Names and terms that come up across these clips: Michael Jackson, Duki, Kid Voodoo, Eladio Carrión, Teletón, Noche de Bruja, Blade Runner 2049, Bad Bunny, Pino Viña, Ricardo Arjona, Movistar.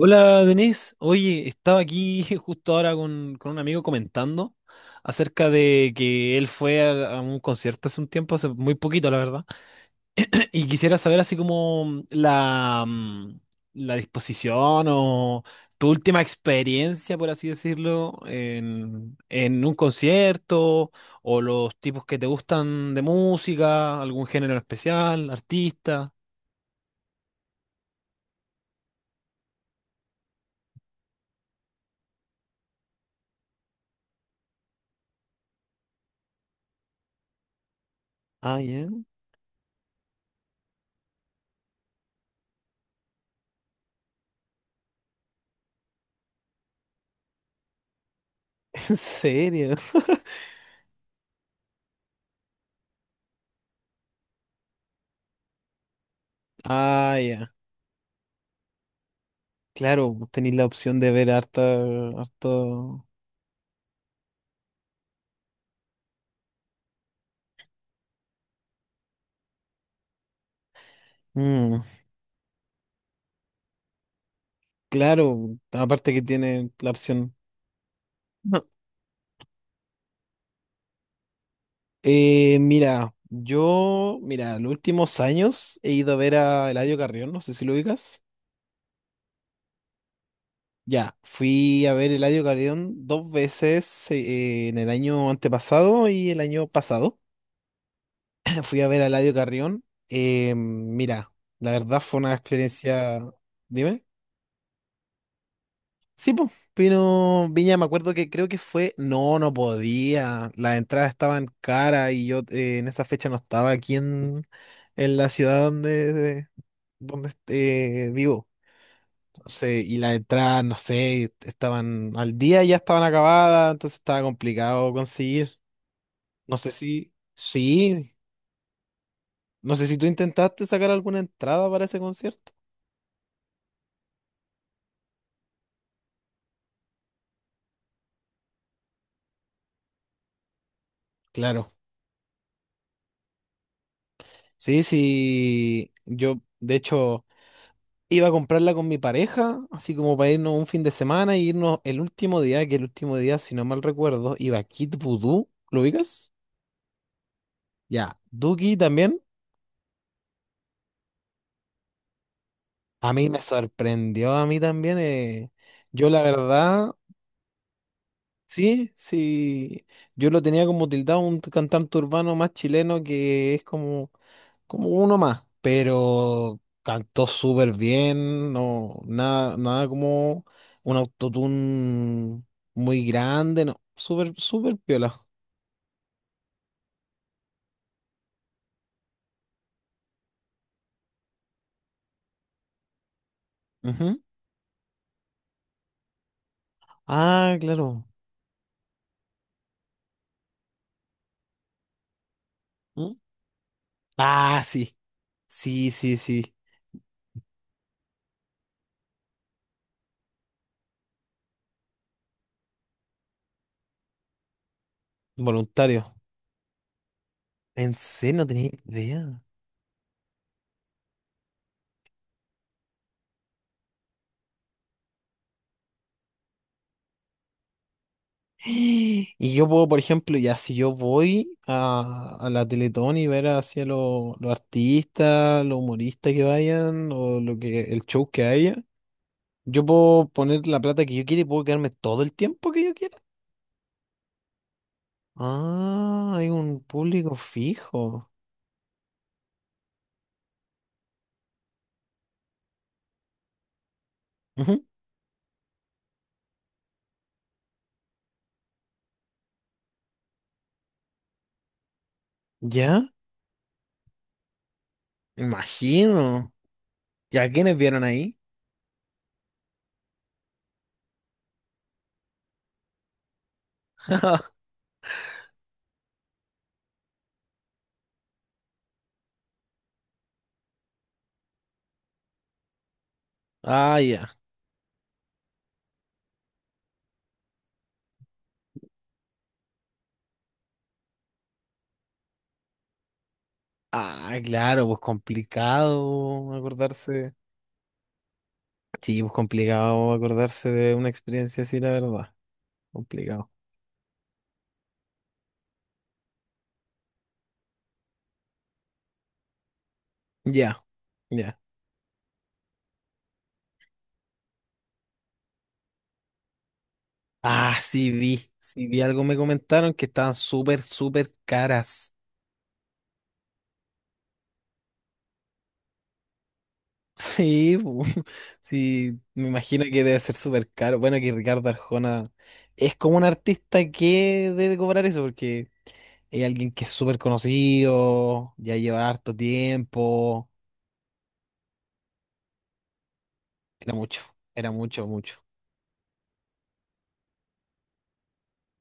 Hola Denise, oye, estaba aquí justo ahora con un amigo comentando acerca de que él fue a un concierto hace un tiempo, hace muy poquito la verdad. Y quisiera saber así como la la disposición o tu última experiencia, por así decirlo, en un concierto o los tipos que te gustan de música, algún género en especial, artista. Ah, ya. ¿En serio? Ah, ya. Claro, tenéis la opción de ver harta, harto. Mm, claro, aparte que tiene la opción. No. Mira, mira, los últimos años he ido a ver a Eladio Carrión, no sé si lo ubicas. Ya, fui a ver Eladio Carrión dos veces en el año antepasado y el año pasado. Fui a ver a Eladio Carrión. Mira, la verdad fue una experiencia. Dime. Sí, pues, Pino Viña, me acuerdo que creo que fue, no, no podía, las entradas estaban caras y yo en esa fecha no estaba aquí en la ciudad donde vivo. Entonces, y las entradas, no sé, estaban al día y ya estaban acabadas, entonces estaba complicado conseguir. No sé si, sí, no sé si tú intentaste sacar alguna entrada para ese concierto. Claro. Sí, sí, de hecho, iba a comprarla con mi pareja, así como para irnos un fin de semana y irnos el último día, que el último día, si no mal recuerdo, iba a Kid Voodoo, ¿lo ubicas? Ya, Duki también. A mí me sorprendió, a mí también. Yo la verdad, Sí, sí. Yo lo tenía como tildado un cantante urbano más chileno que es como, como uno más, pero cantó súper bien, no, nada, nada como un autotune muy grande, no, súper, súper piola. Ujú. Ah, claro. ¿Mm? Ah, sí, sí, sí, sí. Voluntario. En serio, no tenía idea. Y yo puedo, por ejemplo, ya si yo voy a la Teletón y ver hacia los artistas, los humoristas que vayan o lo que el show que haya, yo puedo poner la plata que yo quiera y puedo quedarme todo el tiempo que yo quiera. Ah, hay un público fijo. Ujú. ¿Ya? Imagino. ¿Y a quiénes vieron ahí? Ah, ya. Ah, claro, pues complicado acordarse. Sí, pues complicado acordarse de una experiencia así, la verdad. Complicado. Ya, ya. Ah, sí vi algo, me comentaron que estaban súper, súper caras. Sí, bu, sí, me imagino que debe ser súper caro. Bueno, que Ricardo Arjona es como un artista que debe cobrar eso, porque es alguien que es súper conocido, ya lleva harto tiempo. Era mucho, era mucho, mucho.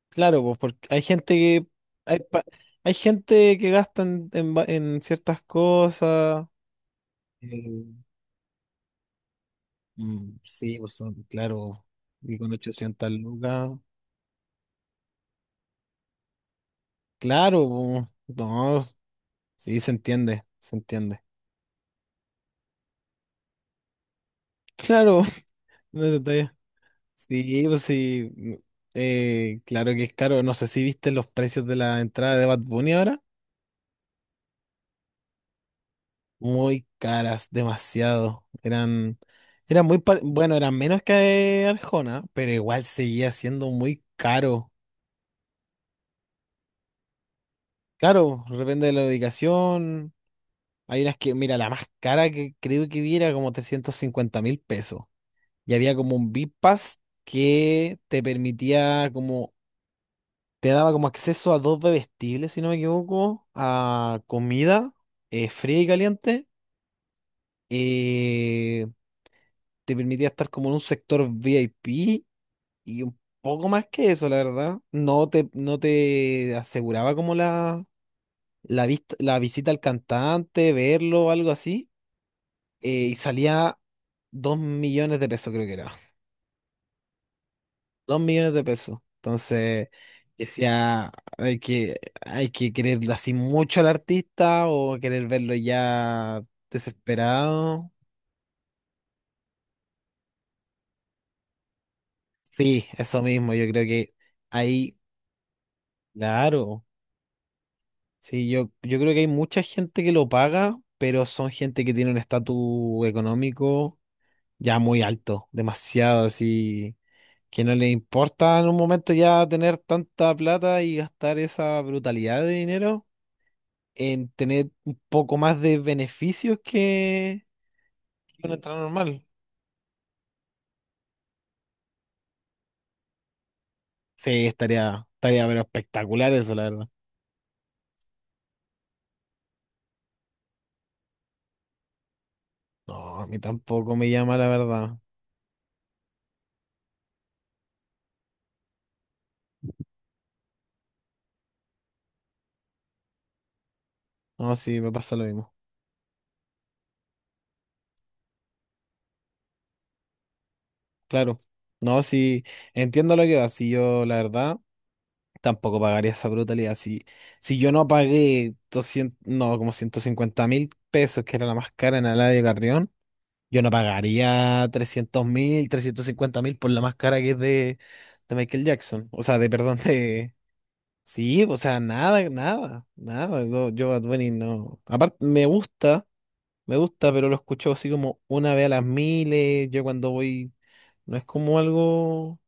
Claro, pues porque hay gente que hay, pa- hay gente que gasta en ciertas cosas. Mm, sí, pues son, claro, y con 800 lucas, claro, po, no, sí, se entiende, se entiende. Claro, no hay detalle. Sí, pues sí, claro que es caro, no sé si viste los precios de la entrada de Bad Bunny ahora, muy caras, demasiado, eran, eran muy, par- bueno, eran menos que Arjona, pero igual seguía siendo muy caro. Claro, depende de la ubicación. Hay unas que, mira, la más cara que creo que vi era como 350 mil pesos. Y había como un VIP Pass que te permitía como, te daba como acceso a dos bebestibles, si no me equivoco, a comida fría y caliente. eh, Te permitía estar como en un sector VIP y un poco más que eso, la verdad. No te aseguraba como la visita al cantante, verlo, algo así. Y salía dos millones de pesos, creo que era. Dos millones de pesos. Entonces, decía, hay que querer así mucho al artista o querer verlo ya desesperado. Sí, eso mismo, yo creo que ahí, claro, sí, yo creo que hay mucha gente que lo paga, pero son gente que tiene un estatus económico ya muy alto, demasiado así, que no les importa en un momento ya tener tanta plata y gastar esa brutalidad de dinero en tener un poco más de beneficios que una entrada normal. Sí, estaría, estaría pero espectacular eso, la verdad. No, a mí tampoco me llama la verdad. No, sí, me pasa lo mismo. Claro. No, sí, entiendo lo que va. Si yo, la verdad, tampoco pagaría esa brutalidad. Si, si yo no pagué 200, no, como 150 mil pesos, que era la más cara en Eladio Carrión. Yo no pagaría 300 mil, 350 mil por la máscara que es de Michael Jackson. O sea, de, perdón, de... Sí, o sea, nada, nada, nada. Yo Bad Bunny no... Aparte, me gusta, pero lo escucho así como una vez a las miles. Yo cuando voy, no es como algo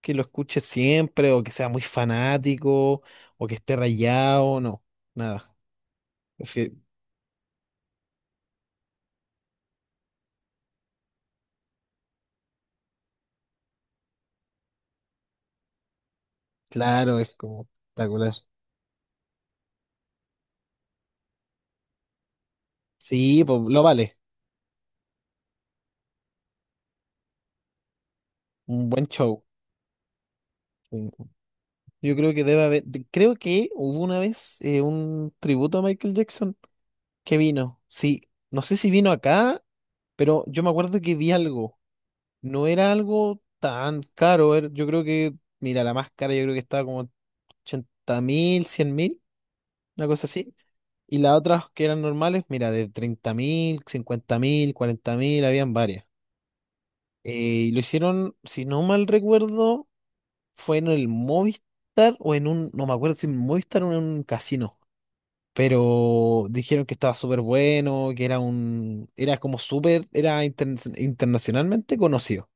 que lo escuche siempre o que sea muy fanático o que esté rayado, no, nada. Prefi- Claro, es como espectacular. Sí, pues lo vale. Un buen show. Yo creo que debe haber, de- creo que hubo una vez un tributo a Michael Jackson que vino. Sí, no sé si vino acá, pero yo me acuerdo que vi algo. No era algo tan caro. Era- Yo creo que, mira, la más cara yo creo que estaba como 80 mil, 100 mil, una cosa así. Y las otras que eran normales, mira, de 30 mil, 50 mil, 40 mil, habían varias. Y lo hicieron, si no mal recuerdo, fue en el Movistar o en un, no me acuerdo si en Movistar o en un casino. Pero dijeron que estaba súper bueno, que era un, era como súper, era interna- internacionalmente conocido.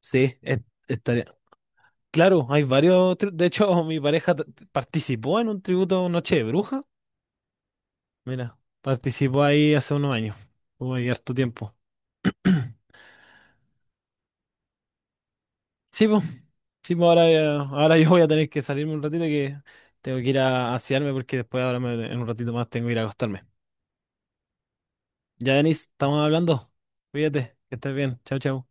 Sí, es- estaría. Claro, hay varios. Tri- De hecho, mi pareja t- t- participó en un tributo a Noche de Bruja. Mira, participó ahí hace unos años. Hubo ahí harto tiempo. Sí, pues. Sí, pues ahora, ahora yo voy a tener que salirme un ratito que tengo que ir a asearme porque después ahora me- en un ratito más tengo que ir a acostarme. Ya, Denis, estamos hablando. Cuídate, que estés bien. Chao, chao.